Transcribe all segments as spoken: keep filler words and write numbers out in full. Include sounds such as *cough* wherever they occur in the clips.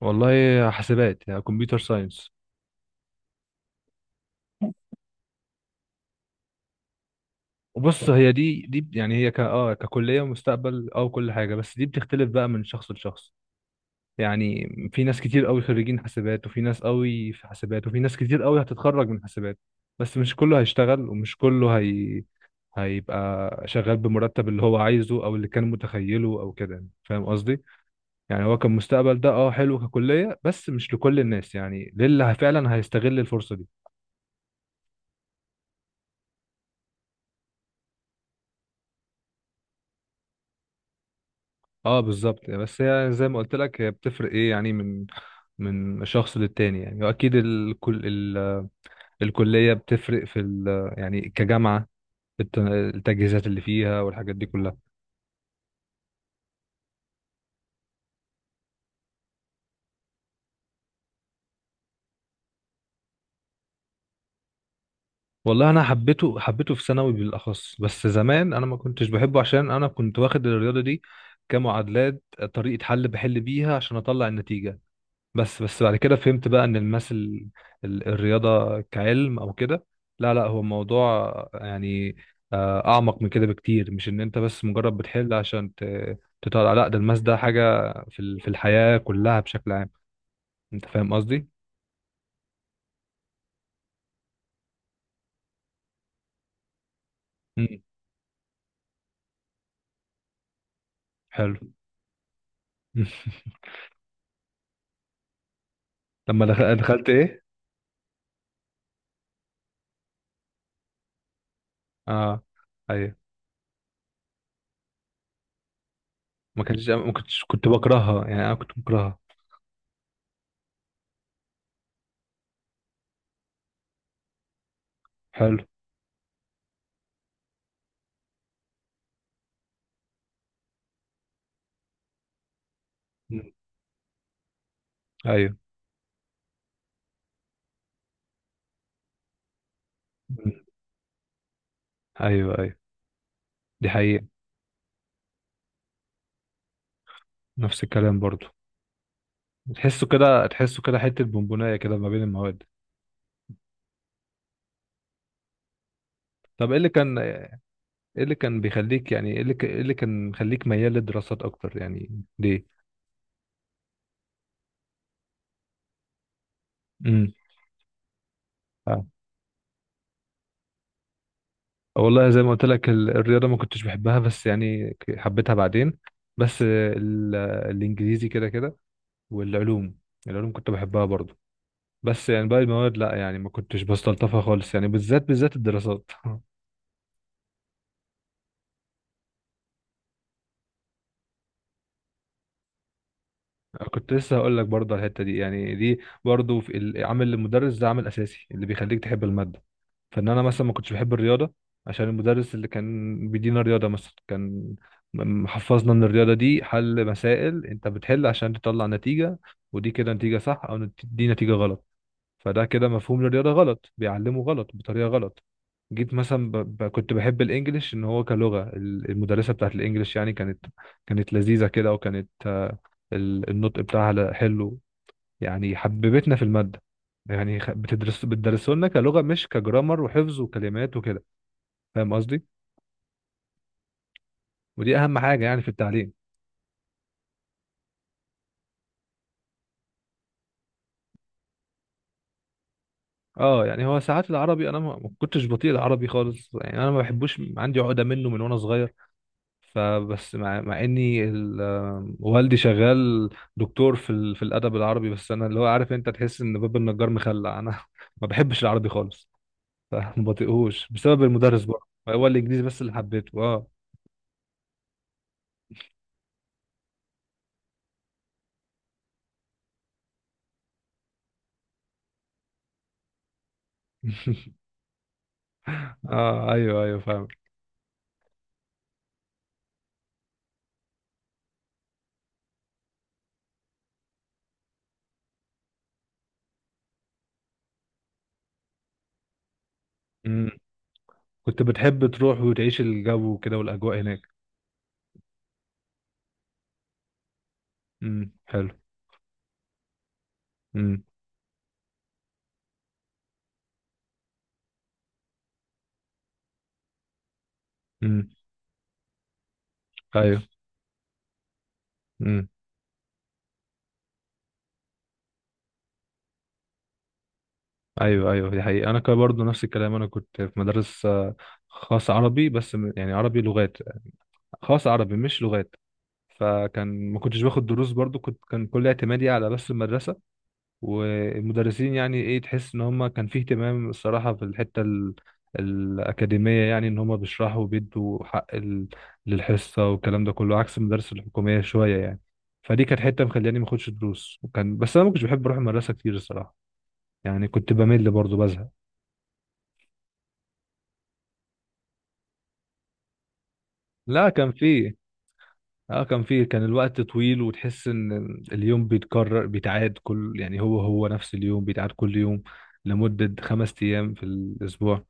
والله حاسبات، يعني كمبيوتر ساينس. وبص، هي دي دي يعني هي ك اه ككليه مستقبل، اه كل حاجه، بس دي بتختلف بقى من شخص لشخص. يعني في ناس كتير قوي خريجين حاسبات، وفي ناس قوي في حاسبات، وفي ناس كتير قوي هتتخرج من حاسبات. بس مش كله هيشتغل، ومش كله هي هيبقى شغال بمرتب اللي هو عايزه، او اللي كان متخيله او كده، يعني فاهم قصدي؟ يعني هو كان مستقبل ده، اه حلو ككليه، بس مش لكل الناس، يعني للي فعلا هيستغل الفرصه دي. اه، بالظبط. بس هي زي ما قلت لك، هي بتفرق ايه يعني، من من شخص للتاني. يعني واكيد الكل، ال- الكليه بتفرق في ال يعني كجامعه. الت- التجهيزات اللي فيها، والحاجات دي كلها. والله انا حبيته حبيته في ثانوي بالاخص. بس زمان انا ما كنتش بحبه، عشان انا كنت واخد الرياضه دي كمعادلات، طريقه حل بحل بيها عشان اطلع النتيجه. بس بس بعد كده فهمت بقى ان الماس ال- ال- الرياضه كعلم او كده، لا لا، هو موضوع يعني آه، اعمق من كده بكتير. مش ان انت بس مجرد بتحل عشان ت- تطلع، لا، ده الماس ده حاجه في ال- في الحياه كلها بشكل عام. انت فاهم قصدي؟ امم حلو. *laughs* مم. لما دخ- دخلت ايه؟ اه، ايوه. ما كنتش ما كنتش كنت بكرهها، يعني انا كنت بكرهها. حلو. مم. ايوه. مم. ايوه، ايوه، دي حقيقه. نفس الكلام برضو. تحسه كده، تحسه كده حتة بونبوناية كده ما بين المواد. طب ايه اللي كان ايه اللي كان بيخليك، يعني ايه اللي ك- إيه اللي كان مخليك ميال للدراسات اكتر؟ يعني ليه؟ امم. آه. والله زي ما قلت لك، ال- الرياضة ما كنتش بحبها، بس يعني ك- حبيتها بعدين. بس ال- الانجليزي كده كده، والعلوم، العلوم كنت بحبها برضو. بس يعني باقي المواد لا، يعني ما كنتش بستلطفها خالص، يعني بالذات بالذات الدراسات. *laughs* كنت لسه هقول لك برضه على الحته دي. يعني دي برضه في ال- عامل المدرس ده عامل اساسي اللي بيخليك تحب الماده. فان انا مثلا ما كنتش بحب الرياضه، عشان المدرس اللي كان بيدينا الرياضه مثلا كان م- محفظنا ان الرياضه دي حل مسائل، انت بتحل عشان تطلع نتيجه. ودي كده نتيجه صح او نت- دي نتيجه غلط. فده كده مفهوم للرياضة غلط، بيعلمه غلط بطريقة غلط. جيت مثلا ب... ب... كنت بحب الانجليش، ان هو كلغة، ال- المدرسة بتاعت الانجليش يعني كانت كانت لذيذة كده، وكانت آه، ال- النطق بتاعها لا- حلو. يعني حببتنا في المادة. يعني خ- بتدرس بتدرسوا لنا كلغة، مش كجرامر وحفظ وكلمات وكده. فاهم قصدي؟ ودي اهم حاجة يعني في التعليم. اه. يعني هو ساعات العربي، انا ما ما كنتش بطيء العربي خالص، يعني انا ما بحبوش، عندي عقدة منه من وانا صغير. فبس مع, مع اني ال- آه، والدي شغال دكتور في ال... في الادب العربي. بس انا، اللي هو عارف، انت تحس ان باب النجار مخلع، انا. *laughs* ما بحبش العربي خالص، فما بطيقهوش بسبب المدرس برضه. هو الانجليزي بس اللي حبيته، اه. *laughs* اه، ايوه، ايوه، فاهم. مم. كنت بتحب تروح وتعيش الجو وكده والاجواء هناك؟ امم. حلو. امم. امم. ايوه. امم. ايوه، ايوه، دي حقيقة. انا كان برضه نفس الكلام، انا كنت في مدرسة خاص عربي، بس م- يعني عربي لغات، خاص عربي مش لغات. فكان ما كنتش باخد دروس برضو، كنت كان كل اعتمادي على بس المدرسة والمدرسين. يعني ايه، تحس ان هم كان فيه اهتمام الصراحة في الحتة ال... الأكاديمية، يعني ان هم بيشرحوا وبيدوا حق ال... للحصة، والكلام ده كله عكس المدارس الحكومية شوية يعني. فدي كانت حتة مخلياني ما اخدش دروس، وكان بس انا ما كنتش بحب اروح المدرسة كتير الصراحة، يعني كنت بمل برضو، بزهق. لا، كان فيه، اه كان في كان الوقت طويل. وتحس ان اليوم بيتكرر، بيتعاد كل، يعني هو هو نفس اليوم بيتعاد كل يوم لمدة خمس ايام في الاسبوع.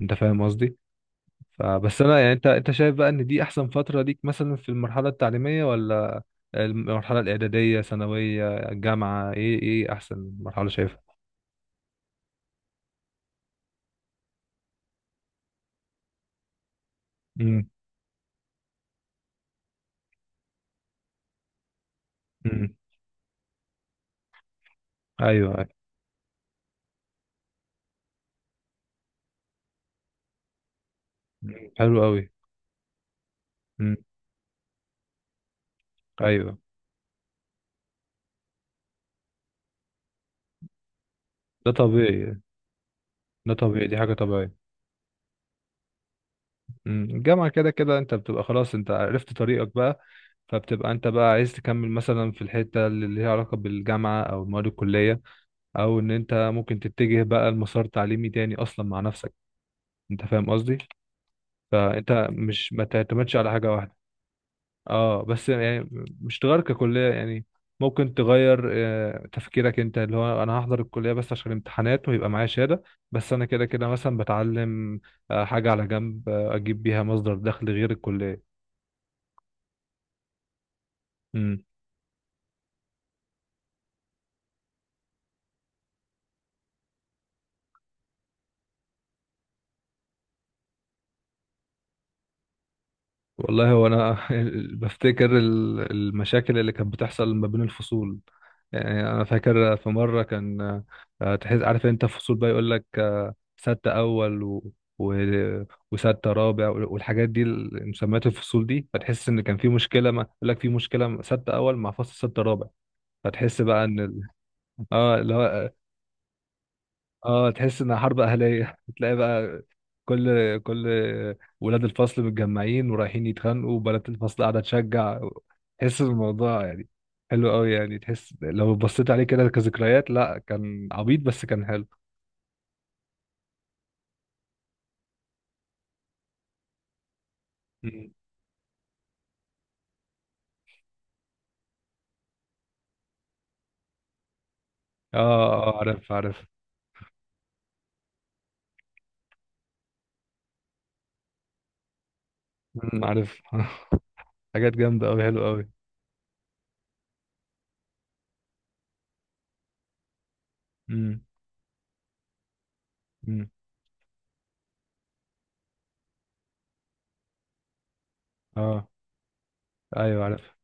انت فاهم قصدي؟ فبس انا يعني، انت انت شايف بقى ان دي احسن فترة ليك، مثلا في المرحلة التعليمية، ولا المرحلة الاعدادية، ثانوية، جامعة؟ ايه ايه احسن مرحلة شايفها؟ امم. امم. ايوه. أيوة. مم. حلو قوي. امم. ايوه. ده طبيعي. ده طبيعي، دي حاجة طبيعية. مم. الجامعة كده كده انت بتبقى، خلاص انت عرفت طريقك بقى. فبتبقى انت بقى عايز تكمل مثلا في الحتة اللي ليها علاقة بالجامعة او المواد الكلية، او ان انت ممكن تتجه بقى لمسار تعليمي تاني اصلا مع نفسك. انت فاهم قصدي؟ فانت مش ما تعتمدش على حاجة واحدة. اه، بس يعني مش تغير ككلية، يعني ممكن تغير آه، تفكيرك، انت اللي هو انا هحضر الكلية بس عشان الامتحانات ويبقى معايا شهادة. بس انا كده كده مثلا بتعلم آه، حاجة على جنب، آه، اجيب بيها مصدر دخل غير الكلية. والله هو انا *laughs* بفتكر ال- المشاكل اللي كانت بتحصل ما بين الفصول. يعني انا فاكر في مره كان آه، تحس، عارف انت فصول بقى، يقول لك آه، ستة اول و... و... وستة رابع وال- والحاجات دي ال- مسميات الفصول دي. فتحس ان كان في مشكله، ما يقول لك في مشكله ستة اول مع فصل ستة رابع، فتحس بقى ان ال... اه. لا. اه، تحس انها حرب اهليه. *laughs* تلاقي بقى كل كل ولاد الفصل متجمعين ورايحين يتخانقوا، وبنات الفصل قاعده تشجع. تحس الموضوع يعني حلو قوي. يعني تحس لو بصيت عليه كده كذكريات، لا كان عبيط بس كان حلو. مم. اه، اه، عارف، عارف، مم، عارف. *laughs* حاجات جامده قوي، حلو قوي. امم. اه. ايوه، عارف.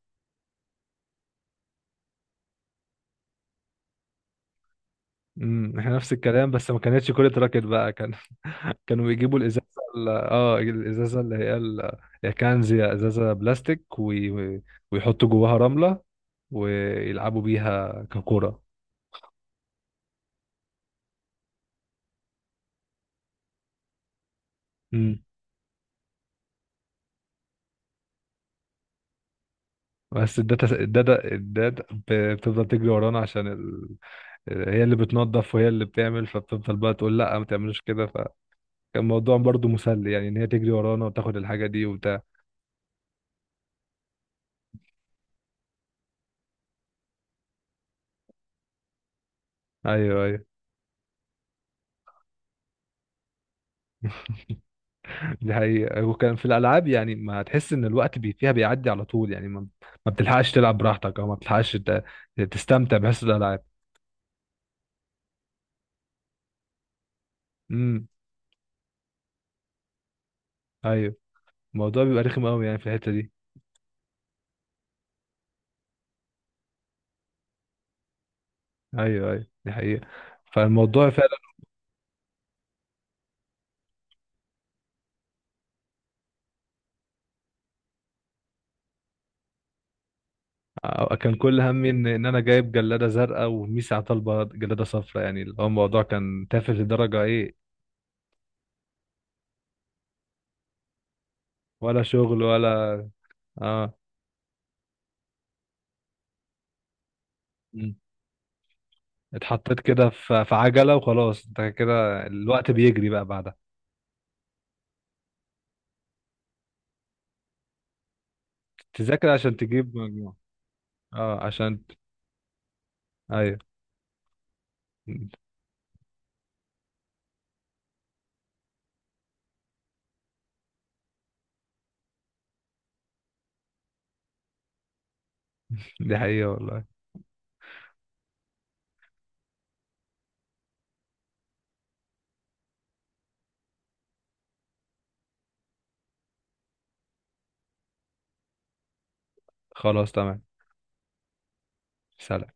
امم. احنا نفس الكلام، بس ما كانتش كرة راكت بقى، كان. *laughs* كانوا بيجيبوا الازازه، ال- اه الازازه اللي هي ال... هي كان زي ازازه بلاستيك وي... وي- ويحطوا جواها رمله، ويلعبوا بيها ككرة. امم. بس الداتا الداتا الداتا ب- بتفضل تجري ورانا عشان ال... هي اللي بتنظف وهي اللي بتعمل، فبتفضل بقى تقول لا ما تعملوش كده. فكان الموضوع برضو مسلي، يعني ان هي تجري ورانا وتاخد الحاجه دي وبتاع. ايوه، ايوه، دي حقيقة. وكان في الألعاب يعني، ما تحس إن الوقت بي فيها بيعدي على طول، يعني ما, ما بتلحقش تلعب براحتك، أو ما بتلحقش ت- تستمتع بحس الألعاب. امم. أيوه. الموضوع بيبقى رخم أوي يعني في الحتة دي. أيوه، أيوه، دي حقيقة. فالموضوع فعلا آه، كان كل همي إن إن أنا جايب جلادة زرقاء، وميسي على طلبة جلادة صفراء. يعني اللي هو الموضوع كان تافه لدرجة إيه. ولا شغل ولا. آه. مم. اتحطيت كده في في عجلة، وخلاص أنت كده الوقت بيجري بقى بعدها. تذاكر عشان تجيب مجموع. اه. عشان ايوه. *laughs* دي حقيقة والله. خلاص، تمام. سلام.